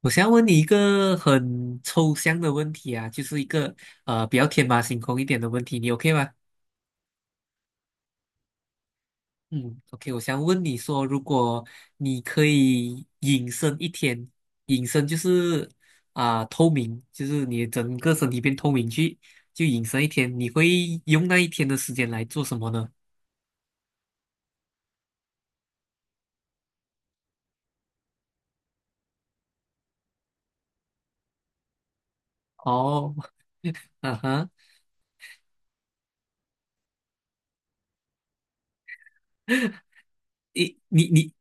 我想要问你一个很抽象的问题啊，就是一个比较天马行空一点的问题，你 OK 吗？嗯，OK，我想问你说，如果你可以隐身一天，隐身就是透明，就是你整个身体变透明去，就隐身一天，你会用那一天的时间来做什么呢？哦，啊哈，你。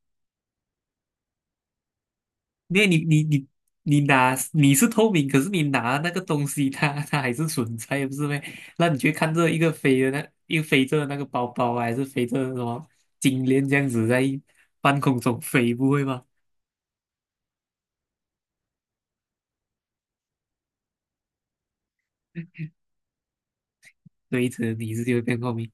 因为你是透明，可是你拿那个东西它还是存在，不是咩？那你去看这一个飞的那一个飞着的那个包包啊还是飞着的什么金链这样子在半空中飞，不会吗？对着你是就会变透明。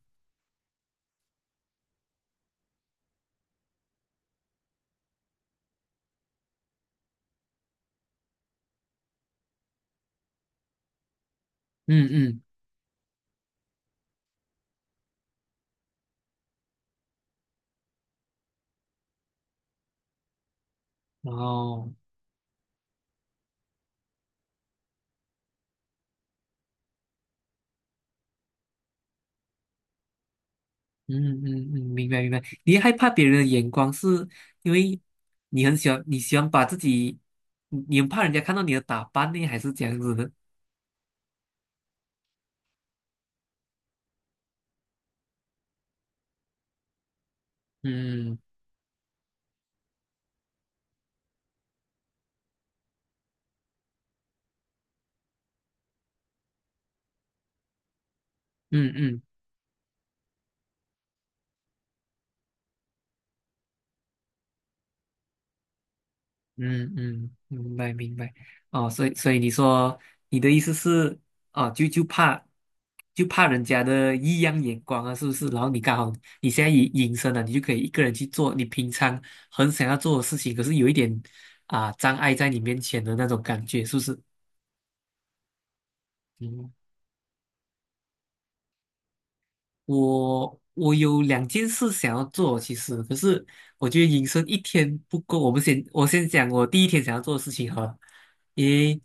嗯嗯，哦，嗯嗯嗯，明白明白。你害怕别人的眼光，是因为你喜欢把自己，你很怕人家看到你的打扮呢，还是这样子的？嗯嗯嗯。嗯嗯，明白明白。哦，所以你的意思是，哦，就怕人家的异样眼光啊，是不是？然后你刚好你现在隐身了，你就可以一个人去做你平常很想要做的事情，可是有一点障碍在你面前的那种感觉，是不是？嗯。我有两件事想要做，其实可是我觉得隐身一天不够。我先讲我第一天想要做的事情哈，因为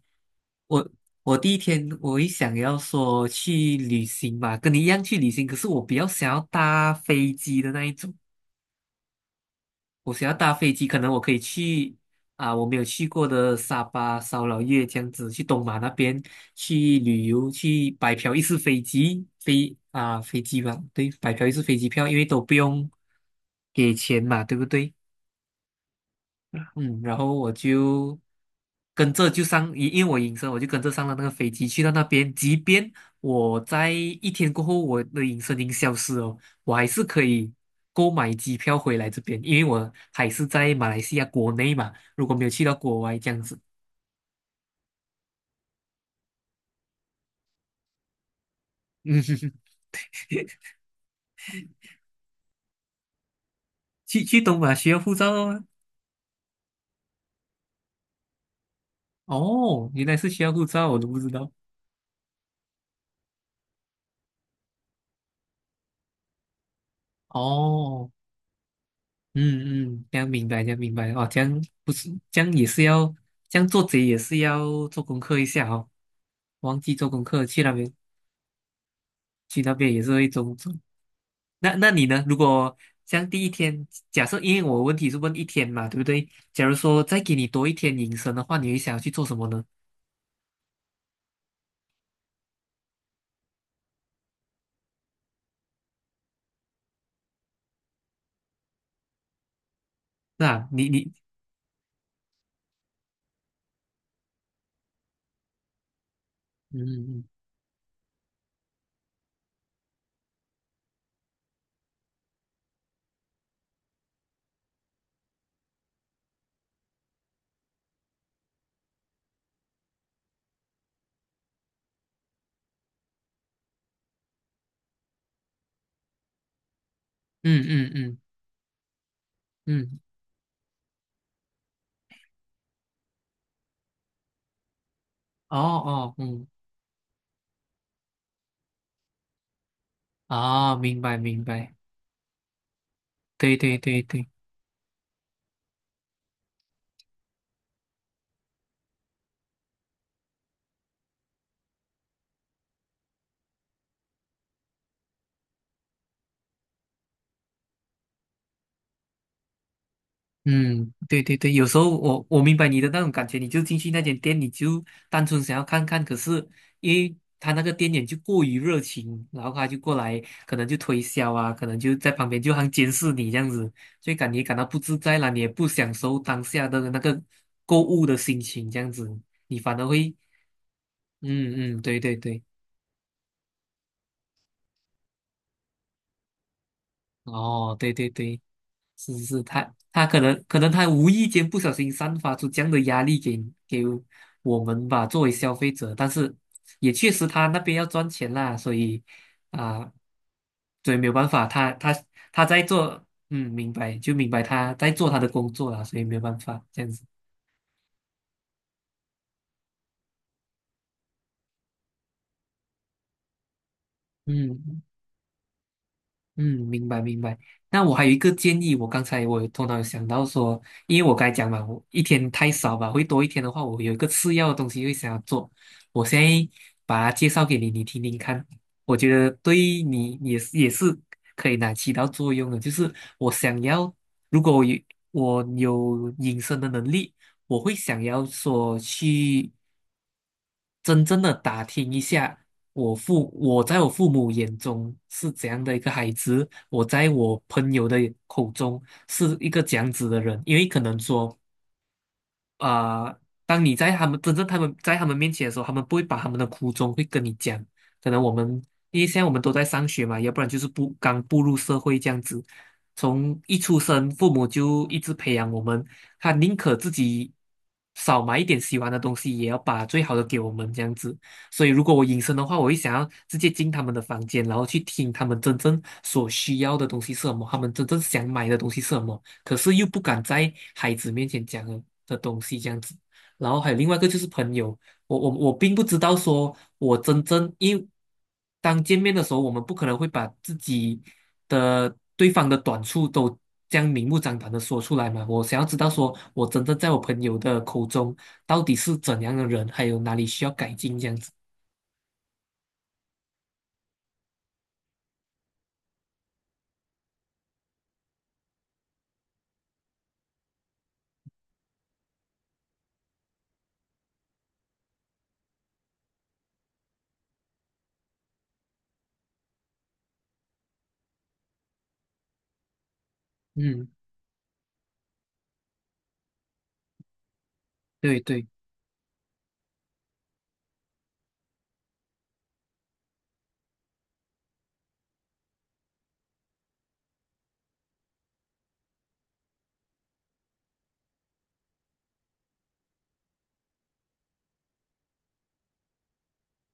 我我第一天我也想要说去旅行嘛，跟你一样去旅行，可是我比较想要搭飞机的那一种。我想要搭飞机，可能我可以去啊，我没有去过的沙巴、烧老越这样子，去东马那边去旅游，去白嫖一次飞机吧，对，白嫖一次飞机票，因为都不用给钱嘛，对不对？嗯，然后我就跟着就上，因为我隐身，我就跟着上了那个飞机去到那边。即便我在一天过后，我的隐身已经消失哦，我还是可以购买机票回来这边，因为我还是在马来西亚国内嘛。如果没有去到国外这样子，嗯，去东马需要护照哦。哦，原来是需要护照，我都不知道。哦，嗯嗯，这样明白，这样明白哦，这样不是，这样也是要，这样做贼也是要做功课一下哦，忘记做功课去那边，去那边也是会中。那你呢？如果像第一天，假设因为我问题是问一天嘛，对不对？假如说再给你多一天隐身的话，你会想要去做什么呢？那你。嗯嗯嗯嗯嗯嗯，嗯哦哦嗯，哦，明白明白，对对对对。嗯，对对对，有时候我明白你的那种感觉，你就进去那间店，你就单纯想要看看，可是因为他那个店员就过于热情，然后他就过来，可能就推销啊，可能就在旁边就好像监视你这样子，所以感到不自在啦，你也不享受当下的那个购物的心情，这样子，你反而会，嗯嗯，对对对，哦，对对对。是是是，他可能他无意间不小心散发出这样的压力给给我们吧，作为消费者，但是也确实他那边要赚钱啦，啊、所以没有办法，他在做，嗯，明白就明白他在做他的工作啦，所以没有办法这样子，嗯，嗯，明白明白。那我还有一个建议，我刚才我有头脑有想到说，因为我刚才讲嘛，我一天太少吧，会多一天的话，我有一个次要的东西会想要做。我现在把它介绍给你，你听听看，我觉得对你也是可以拿起到作用的。就是我想要，如果我有隐身的能力，我会想要说去。真正的打听一下，我在我父母眼中是怎样的一个孩子，我在我朋友的口中是一个怎样子的人，因为可能说啊、呃当你在他们真正他们在他们面前的时候，他们不会把他们的苦衷会跟你讲。可能我们因为现在我们都在上学嘛，要不然就是不刚步入社会这样子，从一出生父母就一直培养我们，他宁可自己少买一点喜欢的东西，也要把最好的给我们这样子。所以如果我隐身的话，我会想要直接进他们的房间，然后去听他们真正所需要的东西是什么，他们真正想买的东西是什么。可是又不敢在孩子面前讲的东西这样子。然后还有另外一个就是朋友，我并不知道说我真正因为当见面的时候，我们不可能会把自己的对方的短处都这样明目张胆的说出来嘛。我想要知道说我真正在我朋友的口中到底是怎样的人，还有哪里需要改进这样子。嗯，对对，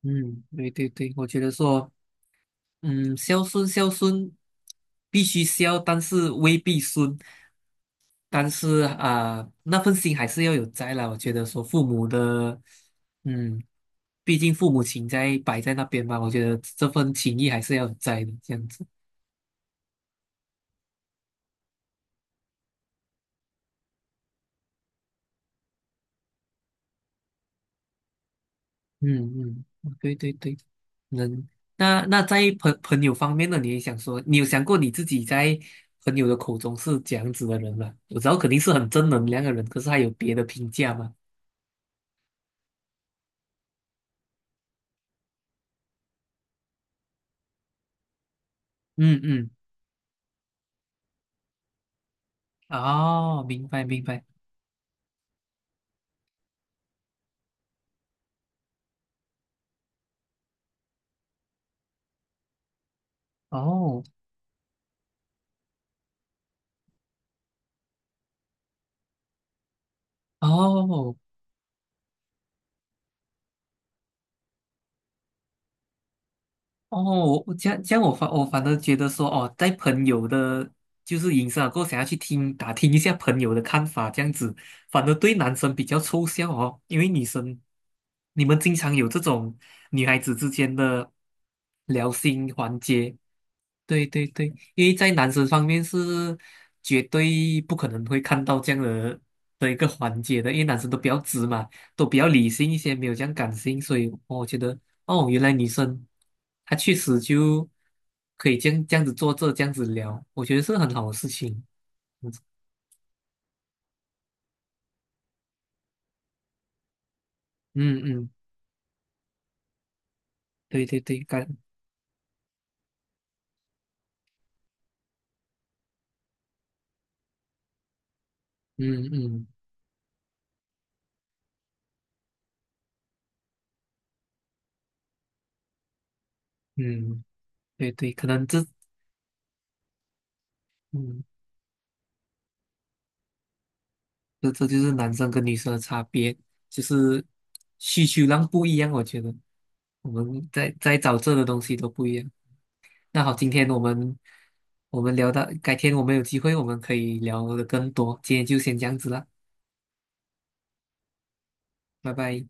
嗯，对对对，我觉得说。嗯，孝顺孝顺，必须孝，但是未必顺。但是那份心还是要有在啦。我觉得说父母的，嗯，毕竟父母情在摆在那边嘛，我觉得这份情谊还是要有在的，这样子。嗯嗯，对对对，能。那在朋友方面呢，你也想说，你有想过你自己在朋友的口中是怎样子的人吗？我知道肯定是很正能量的人，可是还有别的评价吗？嗯嗯。哦，明白明白，哦哦哦，我这样我反而觉得说，哦，在朋友的，就是影响过后想要去打听一下朋友的看法，这样子，反而对男生比较抽象哦，因为女生你们经常有这种女孩子之间的聊心环节，对对对，因为在男生方面是绝对不可能会看到这样的一个环节的，因为男生都比较直嘛，都比较理性一些，没有这样感性，所以我觉得哦，原来女生她确实就可以这样子这样子聊，我觉得是很好的事情。嗯嗯，对对对，嗯嗯嗯，对对，可能这嗯。嗯这就是男生跟女生的差别，就是需求量不一样。我觉得我们在找这的东西都不一样。那好，今天我们聊到，改天我们有机会我们可以聊的更多。今天就先这样子了，拜拜。